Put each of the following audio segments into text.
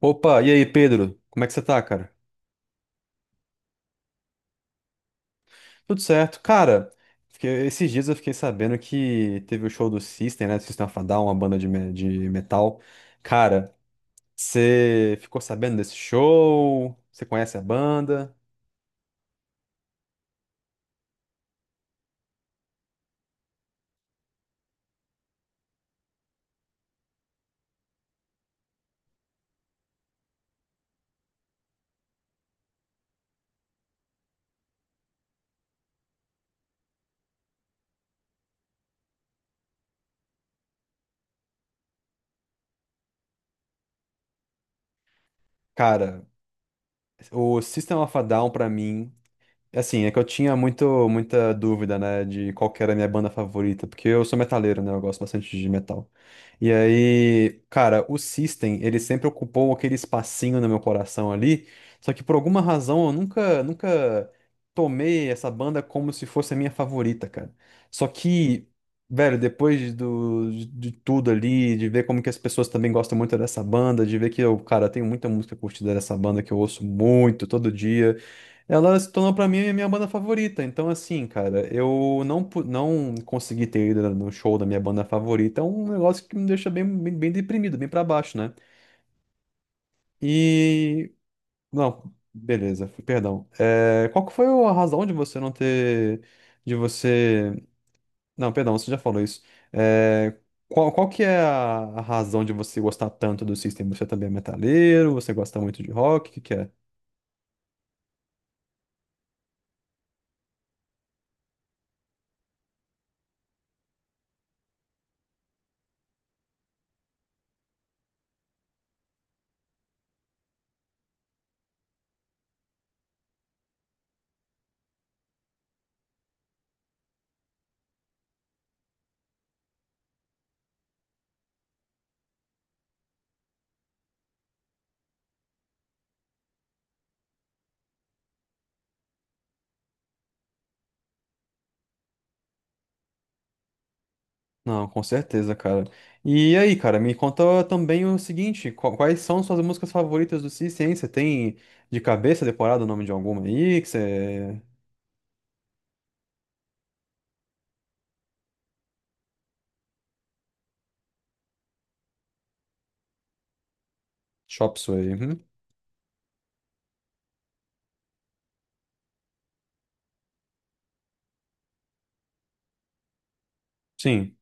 Opa, e aí, Pedro? Como é que você tá, cara? Tudo certo. Cara, esses dias eu fiquei sabendo que teve o show do System, né? Do System of a Down, uma banda de metal. Cara, você ficou sabendo desse show? Você conhece a banda? Cara, o System of a Down, pra mim, assim, é que eu tinha muita dúvida, né, de qual que era a minha banda favorita, porque eu sou metaleiro, né, eu gosto bastante de metal. E aí, cara, o System, ele sempre ocupou aquele espacinho no meu coração ali, só que por alguma razão eu nunca tomei essa banda como se fosse a minha favorita, cara. Só que, velho, depois de tudo ali, de ver como que as pessoas também gostam muito dessa banda, de ver que eu, cara, tenho muita música curtida dessa banda que eu ouço muito, todo dia. Ela se tornou pra mim a minha banda favorita. Então, assim, cara, eu não, pu- não consegui ter ido no show da minha banda favorita. É um negócio que me deixa bem deprimido, bem pra baixo, né? E. Não, beleza, perdão. É, qual que foi a razão de você não ter. De você. Não, perdão, você já falou isso. É, qual que é a razão de você gostar tanto do System? Você também é metaleiro? Você gosta muito de rock? O que que é? Não, com certeza, cara. E aí, cara, me conta também o seguinte, quais são suas músicas favoritas do System, hein? Você tem de cabeça decorado o nome de alguma aí que você... Chop Suey. Uhum. Sim.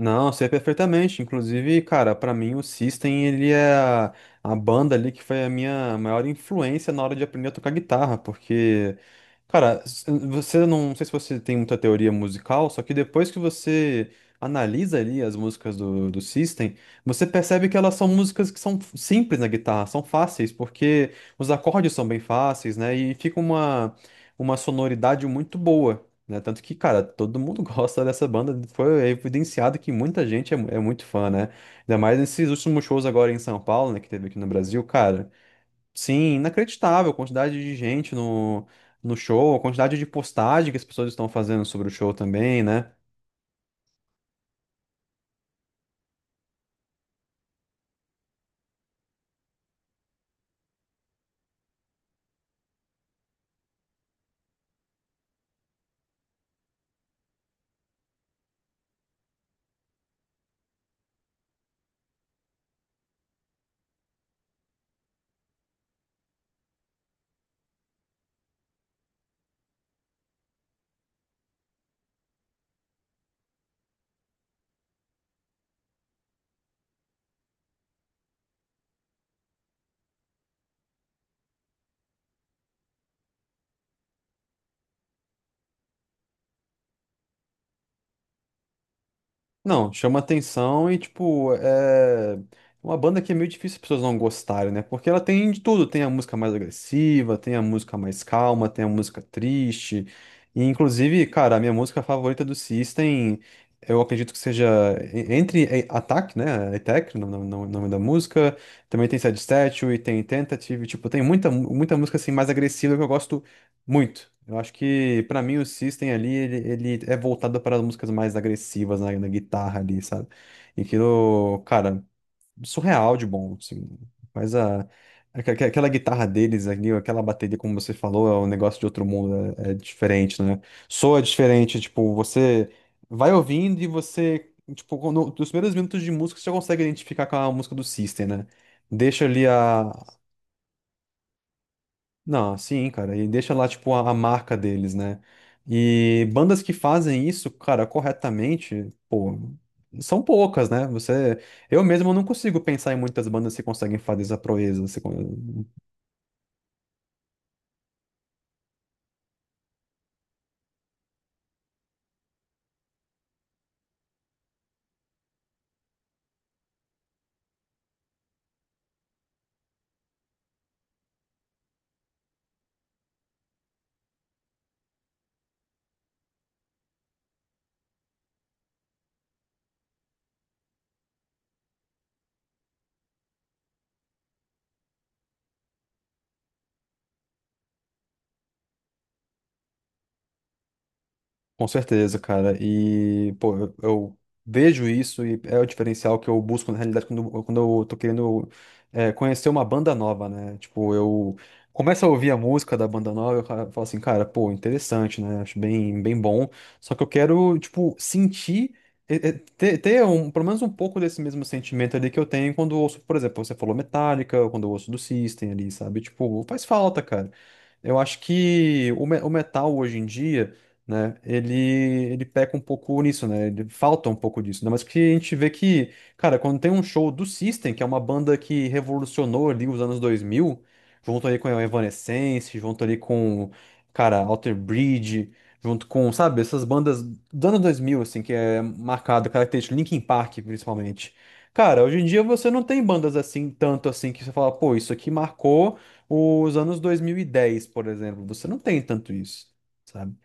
Não, sei perfeitamente. Inclusive, cara, pra mim o System, ele é a banda ali que foi a minha maior influência na hora de aprender a tocar guitarra, porque, cara, s- você não, não sei se você tem muita teoria musical, só que depois que você analisa ali as músicas do System, você percebe que elas são músicas que são simples na guitarra, são fáceis, porque os acordes são bem fáceis, né? E fica uma sonoridade muito boa, né? Tanto que, cara, todo mundo gosta dessa banda. Foi evidenciado que muita gente é, é muito fã, né? Ainda mais nesses últimos shows agora em São Paulo, né? Que teve aqui no Brasil, cara. Sim, inacreditável a quantidade de gente no show, a quantidade de postagem que as pessoas estão fazendo sobre o show também, né? Não, chama atenção e, tipo, é uma banda que é meio difícil as pessoas não gostarem, né? Porque ela tem de tudo. Tem a música mais agressiva, tem a música mais calma, tem a música triste. E, inclusive, cara, a minha música favorita do System, eu acredito que seja Attack, né? Attack, no nome da música. Também tem Sad Statue, tem Tentative. Tipo, tem muita música, assim, mais agressiva que eu gosto muito. Eu acho que, pra mim, o System ali, ele é voltado para as músicas mais agressivas na, na guitarra ali, sabe? E aquilo, cara, surreal de bom, assim. Mas aquela guitarra deles ali, aquela bateria, como você falou, é um negócio de outro mundo, é diferente, né? Soa diferente, tipo, você vai ouvindo e você, tipo, quando, nos primeiros minutos de música, você já consegue identificar com a música do System, né? Deixa ali a. Não, sim, cara, e deixa lá, tipo, a marca deles, né? E bandas que fazem isso, cara, corretamente, são poucas, né? Você, eu mesmo não consigo pensar em muitas bandas que conseguem fazer essa proeza. Você, com certeza, cara. E, pô, eu vejo isso e é o diferencial que eu busco na realidade quando eu tô querendo é, conhecer uma banda nova, né? Tipo, eu começo a ouvir a música da banda nova, eu falo assim, cara, pô, interessante, né? Acho bem, bem bom. Só que eu quero, tipo, sentir, ter um, pelo menos um pouco desse mesmo sentimento ali que eu tenho quando eu ouço, por exemplo, você falou Metallica, ou quando eu ouço do System ali, sabe? Tipo, faz falta, cara. Eu acho que o metal hoje em dia, né? Ele peca um pouco nisso, né? Ele falta um pouco disso, né? Mas que a gente vê que, cara, quando tem um show do System, que é uma banda que revolucionou ali os anos 2000, junto ali com a Evanescence, junto ali com, cara, Alter Bridge, junto com, sabe, essas bandas do ano 2000 assim, que é marcado, característico, Linkin Park, principalmente. Cara, hoje em dia você não tem bandas assim, tanto assim, que você fala, pô, isso aqui marcou os anos 2010, por exemplo. Você não tem tanto isso, sabe?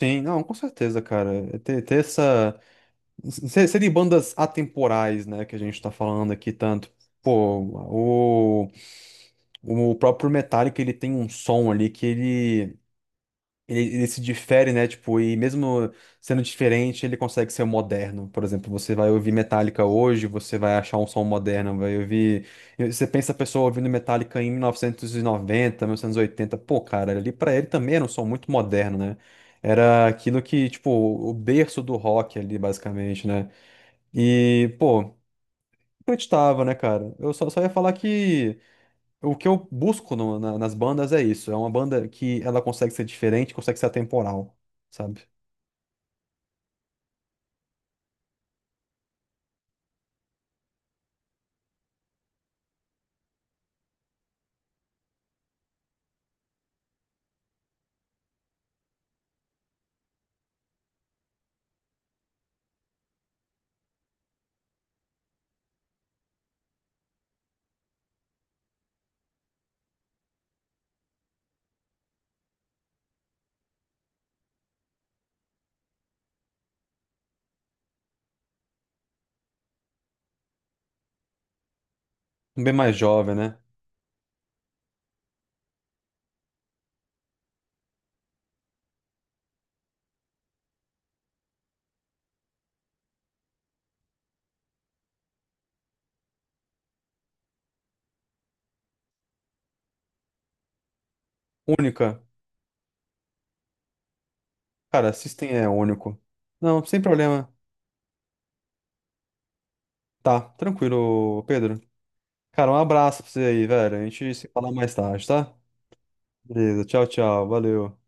Sim, não, com certeza, cara. É ter, ter essa. Serem bandas atemporais, né, que a gente tá falando aqui tanto. Pô, o, o próprio Metallica, ele tem um som ali que ele. Ele se difere, né? Tipo, e mesmo sendo diferente, ele consegue ser moderno. Por exemplo, você vai ouvir Metallica hoje, você vai achar um som moderno, vai ouvir. Você pensa a pessoa ouvindo Metallica em 1990, 1980. Pô, cara, ali pra ele também era um som muito moderno, né? Era aquilo que, tipo, o berço do rock ali, basicamente, né? E, pô, acreditava, né, cara? Eu só ia falar que. O que eu busco nas bandas é isso. É uma banda que ela consegue ser diferente, consegue ser atemporal, sabe? Bem mais jovem, né? Única. Cara, System é único. Não, sem problema. Tá, tranquilo, Pedro. Cara, um abraço pra você aí, velho. A gente se fala mais tarde, tá? Beleza, tchau, tchau. Valeu.